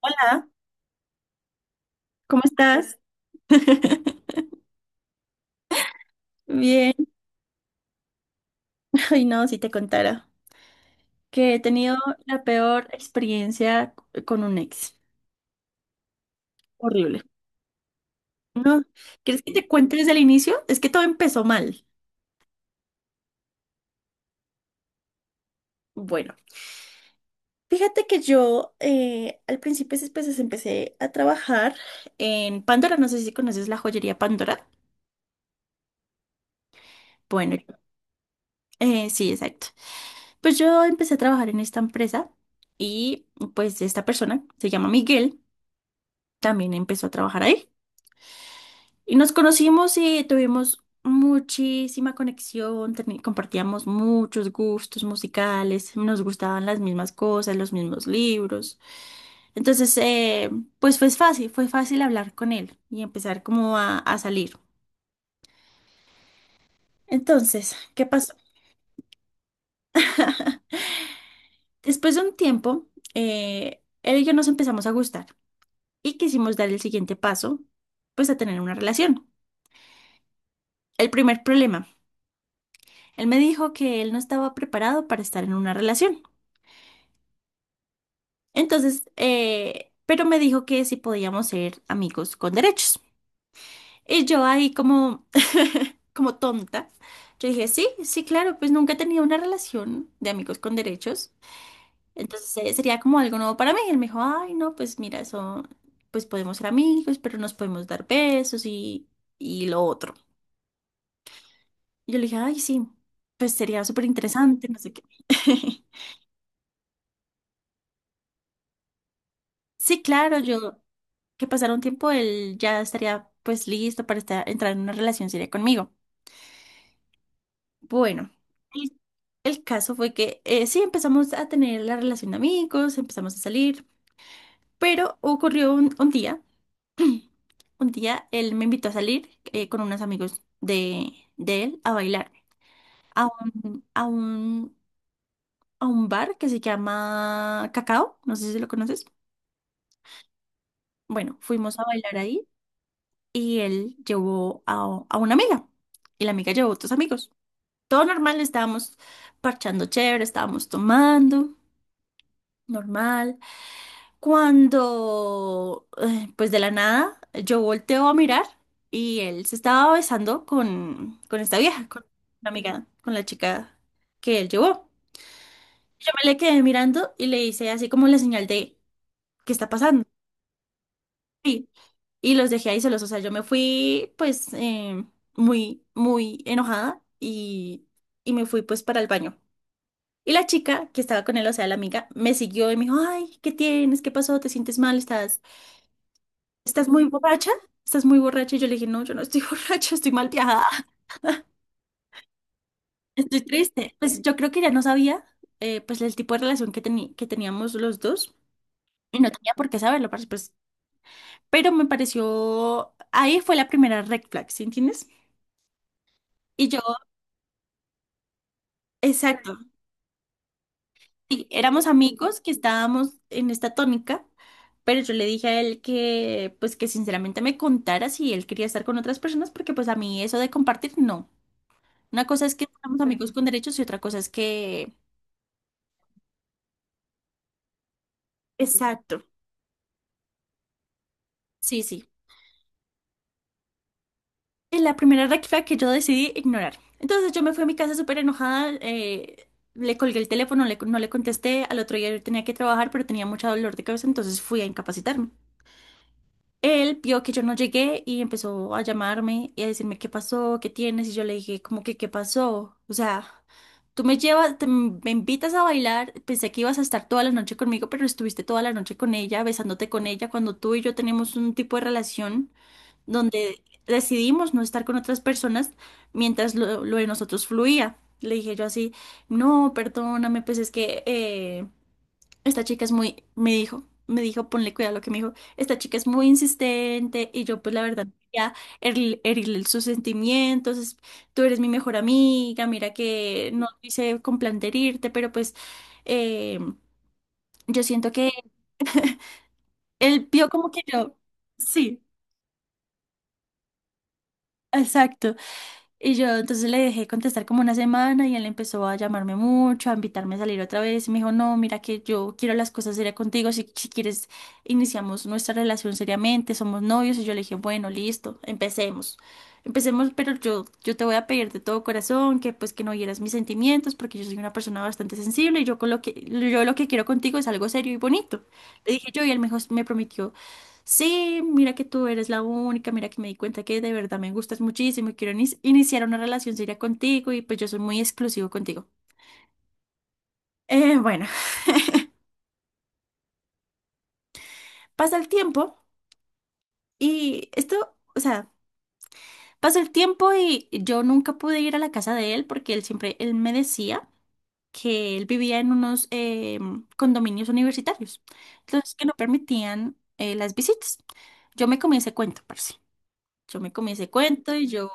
Hola, ¿cómo estás? Bien, ay no, si te contara que he tenido la peor experiencia con un ex. Horrible. No, ¿quieres que te cuente desde el inicio? Es que todo empezó mal. Bueno, fíjate que yo al principio pues, empecé a trabajar en Pandora, no sé si conoces la joyería Pandora. Bueno, sí, exacto. Pues yo empecé a trabajar en esta empresa y pues esta persona se llama Miguel, también empezó a trabajar ahí. Y nos conocimos y tuvimos muchísima conexión, compartíamos muchos gustos musicales, nos gustaban las mismas cosas, los mismos libros. Entonces, pues fue fácil hablar con él y empezar como a salir. Entonces, ¿qué pasó? Después de un tiempo, él y yo nos empezamos a gustar y quisimos dar el siguiente paso, pues a tener una relación. El primer problema, él me dijo que él no estaba preparado para estar en una relación. Entonces, pero me dijo que si podíamos ser amigos con derechos. Y yo ahí como, como tonta, yo dije, sí, sí, claro, pues nunca he tenido una relación de amigos con derechos. Entonces sería como algo nuevo para mí. Y él me dijo, ay, no, pues mira, eso, pues podemos ser amigos, pero nos podemos dar besos y lo otro. Y yo le dije, ay, sí, pues sería súper interesante, no sé qué. Sí, claro, yo. Que pasara un tiempo, él ya estaría pues listo para entrar en una relación seria conmigo. Bueno, el, el caso fue que sí empezamos a tener la relación de amigos, empezamos a salir, pero ocurrió un día, un día él me invitó a salir con unos amigos de él a bailar a un, a un, a un bar que se llama Cacao, no sé si lo conoces. Bueno, fuimos a bailar ahí y él llevó a una amiga y la amiga llevó a otros amigos. Todo normal, estábamos parchando chévere, estábamos tomando, normal. Cuando, pues de la nada, yo volteo a mirar y él se estaba besando con esta vieja, con la amiga, con la chica que él llevó. Yo me le quedé mirando y le hice así como la señal de, ¿qué está pasando? Y, y los dejé ahí solos. O sea, yo me fui pues muy, muy enojada y me fui pues para el baño. Y la chica que estaba con él, o sea, la amiga, me siguió y me dijo, ay, ¿qué tienes? ¿Qué pasó? ¿Te sientes mal? ¿Estás muy borracha? ¿Estás muy borracha? Y yo le dije, no, yo no estoy borracha, estoy mal viajada, estoy triste. Pues yo creo que ya no sabía, pues, el tipo de relación que teníamos los dos y no tenía por qué saberlo, parce, pues, pero me pareció, ahí fue la primera red flag, ¿sí entiendes? Y yo, exacto, sí, éramos amigos que estábamos en esta tónica, pero yo le dije a él que, pues que sinceramente me contara si él quería estar con otras personas, porque pues a mí eso de compartir, no. Una cosa es que seamos, sí, amigos con derechos y otra cosa es que... Exacto. Sí, sí. Es la primera red flag que yo decidí ignorar. Entonces yo me fui a mi casa súper enojada, le colgué el teléfono, no le contesté, al otro día yo tenía que trabajar, pero tenía mucho dolor de cabeza, entonces fui a incapacitarme. Él vio que yo no llegué y empezó a llamarme y a decirme qué pasó, qué tienes, y yo le dije como que qué pasó, o sea, tú me llevas, me invitas a bailar, pensé que ibas a estar toda la noche conmigo, pero estuviste toda la noche con ella, besándote con ella, cuando tú y yo tenemos un tipo de relación donde decidimos no estar con otras personas mientras lo de nosotros fluía. Le dije yo así, no, perdóname, pues es que esta chica es muy, me dijo, ponle cuidado a lo que me dijo. Esta chica es muy insistente y yo pues la verdad no quería herirle sus sentimientos. Tú eres mi mejor amiga, mira que no lo hice con plan de herirte, pero pues eh, yo siento que él vio como que yo, sí, exacto. Y yo entonces le dejé contestar como una semana y él empezó a llamarme mucho, a invitarme a salir otra vez. Y me dijo, no, mira que yo quiero las cosas serias contigo, si quieres iniciamos nuestra relación seriamente, somos novios. Y yo le dije, bueno, listo, empecemos. Empecemos, pero yo te voy a pedir de todo corazón que pues que no hieras mis sentimientos porque yo soy una persona bastante sensible y yo, con lo que, yo lo que quiero contigo es algo serio y bonito. Le dije yo y él me prometió sí, mira que tú eres la única, mira que me di cuenta que de verdad me gustas muchísimo y quiero iniciar una relación seria contigo y pues yo soy muy exclusivo contigo. Bueno, pasa el tiempo y esto, o sea, pasa el tiempo y yo nunca pude ir a la casa de él porque él siempre, él me decía que él vivía en unos condominios universitarios, entonces que no permitían las visitas. Yo me comí ese cuento, parce. Yo me comí ese cuento y yo,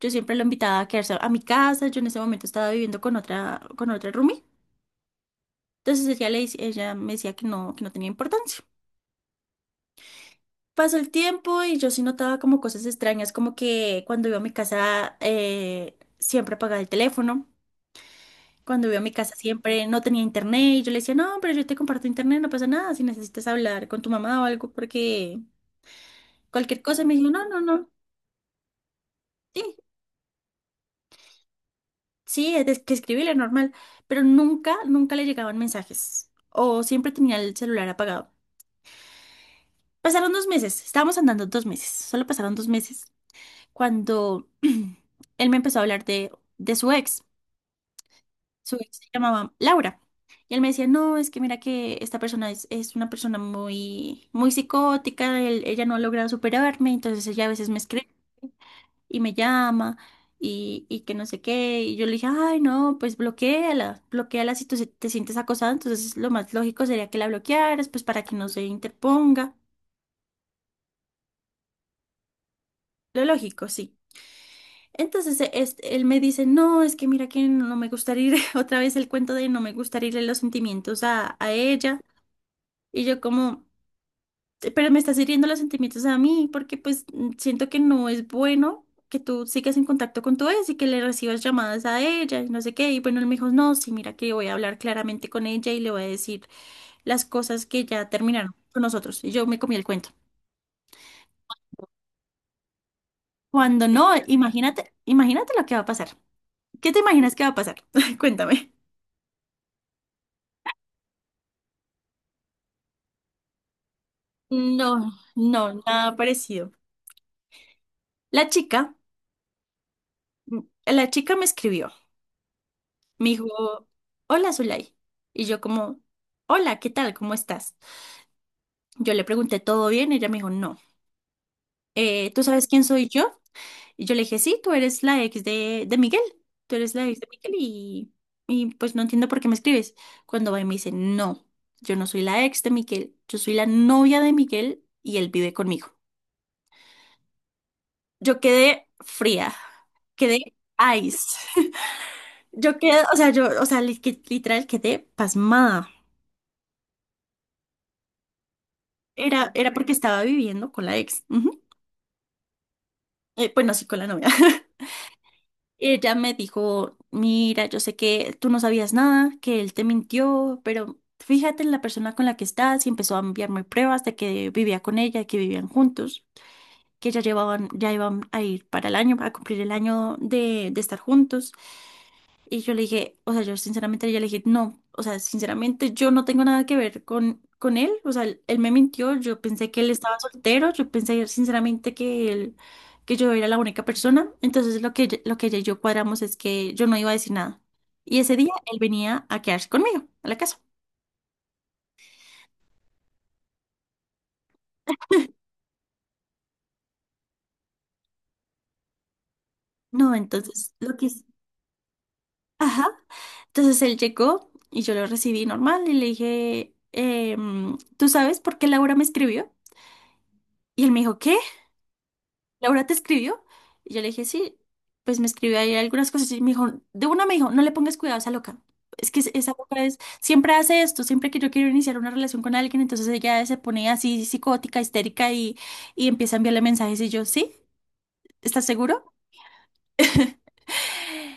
yo siempre lo invitaba a quedarse a mi casa. Yo en ese momento estaba viviendo con otra roomie. Entonces ella me decía que no tenía importancia. Pasó el tiempo y yo sí notaba como cosas extrañas, como que cuando iba a mi casa siempre apagaba el teléfono. Cuando iba a mi casa siempre no tenía internet y yo le decía, no, pero yo te comparto internet, no pasa nada, si necesitas hablar con tu mamá o algo, porque cualquier cosa. Y me dijo, no, no, no. Sí, sí, es que escribirle normal, pero nunca, nunca le llegaban mensajes. O siempre tenía el celular apagado. Pasaron 2 meses, estábamos andando 2 meses, solo pasaron 2 meses, cuando él me empezó a hablar de su ex. Su ex se llamaba Laura. Y él me decía, no, es que mira que esta persona es una persona muy, muy psicótica, ella no ha logrado superarme, entonces ella a veces me escribe y me llama y que no sé qué. Y yo le dije, ay, no, pues bloquéala, bloquéala si tú te sientes acosada. Entonces lo más lógico sería que la bloquearas, pues para que no se interponga. Lo lógico, sí. Entonces él me dice, no, es que mira que no me gustaría ir, otra vez el cuento de no me gustaría irle los sentimientos a ella. Y yo como... pero me estás hiriendo los sentimientos a mí, porque pues siento que no es bueno que tú sigas en contacto con tu ex y que le recibas llamadas a ella y no sé qué. Y bueno, él me dijo, no, sí, mira que voy a hablar claramente con ella y le voy a decir las cosas que ya terminaron con nosotros. Y yo me comí el cuento. Cuando no, imagínate, imagínate lo que va a pasar. ¿Qué te imaginas que va a pasar? Cuéntame. No, no, nada parecido. La chica, la chica me escribió. Me dijo, hola Zulay. Y yo como, hola, ¿qué tal? ¿Cómo estás? Yo le pregunté, ¿todo bien? Ella me dijo, no. ¿Tú sabes quién soy yo? Y yo le dije, sí, tú eres la ex de Miguel. Tú eres la ex de Miguel y pues no entiendo por qué me escribes. Cuando va y me dice, no, yo no soy la ex de Miguel, yo soy la novia de Miguel y él vive conmigo. Yo quedé fría, quedé ice. Yo quedé, o sea, yo, o sea, literal quedé pasmada. Era porque estaba viviendo con la ex. Ujú. Bueno, sí, con la novia. Ella me dijo, mira, yo sé que tú no sabías nada, que él te mintió, pero fíjate en la persona con la que estás y empezó a enviarme pruebas de que vivía con ella, que vivían juntos, que ya llevaban, ya iban a ir para el año, a cumplir el año de estar juntos. Y yo le dije, o sea, yo sinceramente yo le dije, no, o sea, sinceramente yo no tengo nada que ver con él, o sea, él me mintió, yo pensé que él estaba soltero, yo pensé sinceramente que él, que yo era la única persona, entonces lo que ella y yo cuadramos es que yo no iba a decir nada. Y ese día él venía a quedarse conmigo, a la casa. No, entonces lo que... Ajá. Entonces él llegó y yo lo recibí normal y le dije, ¿tú sabes por qué Laura me escribió? Y él me dijo, ¿qué? Laura te escribió. Y yo le dije, sí, pues me escribió ahí algunas cosas. Y me dijo, de una me dijo, no le pongas cuidado a esa loca. Es que esa loca es, siempre hace esto, siempre que yo quiero iniciar una relación con alguien, entonces ella se pone así psicótica, histérica y empieza a enviarle mensajes. Y yo, sí, ¿estás seguro?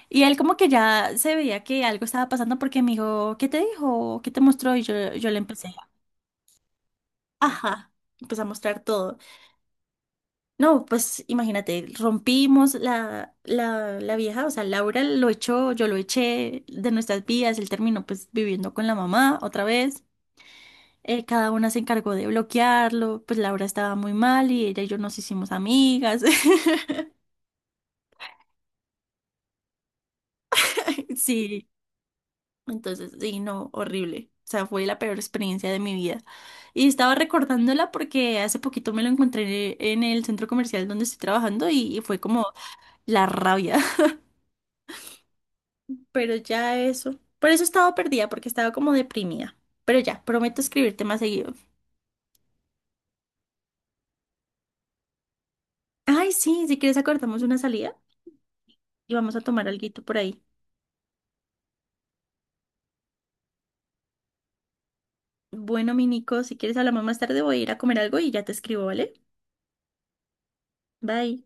Y él como que ya se veía que algo estaba pasando porque me dijo? ¿Qué te mostró? Y yo, le empecé, ajá, empecé a mostrar todo. No, pues imagínate, rompimos la vieja, o sea, Laura lo echó, yo lo eché de nuestras vidas, él terminó pues viviendo con la mamá otra vez, cada una se encargó de bloquearlo, pues Laura estaba muy mal y ella y yo nos hicimos amigas, sí, entonces, sí, no, horrible, o sea, fue la peor experiencia de mi vida. Y estaba recordándola porque hace poquito me lo encontré en el centro comercial donde estoy trabajando y fue como la rabia. Pero ya eso. Por eso estaba perdida, porque estaba como deprimida. Pero ya, prometo escribirte más seguido. Ay, sí, si quieres acordamos una salida y vamos a tomar alguito por ahí. Bueno, mi Nico, si quieres hablamos más tarde, voy a ir a comer algo y ya te escribo, ¿vale? Bye.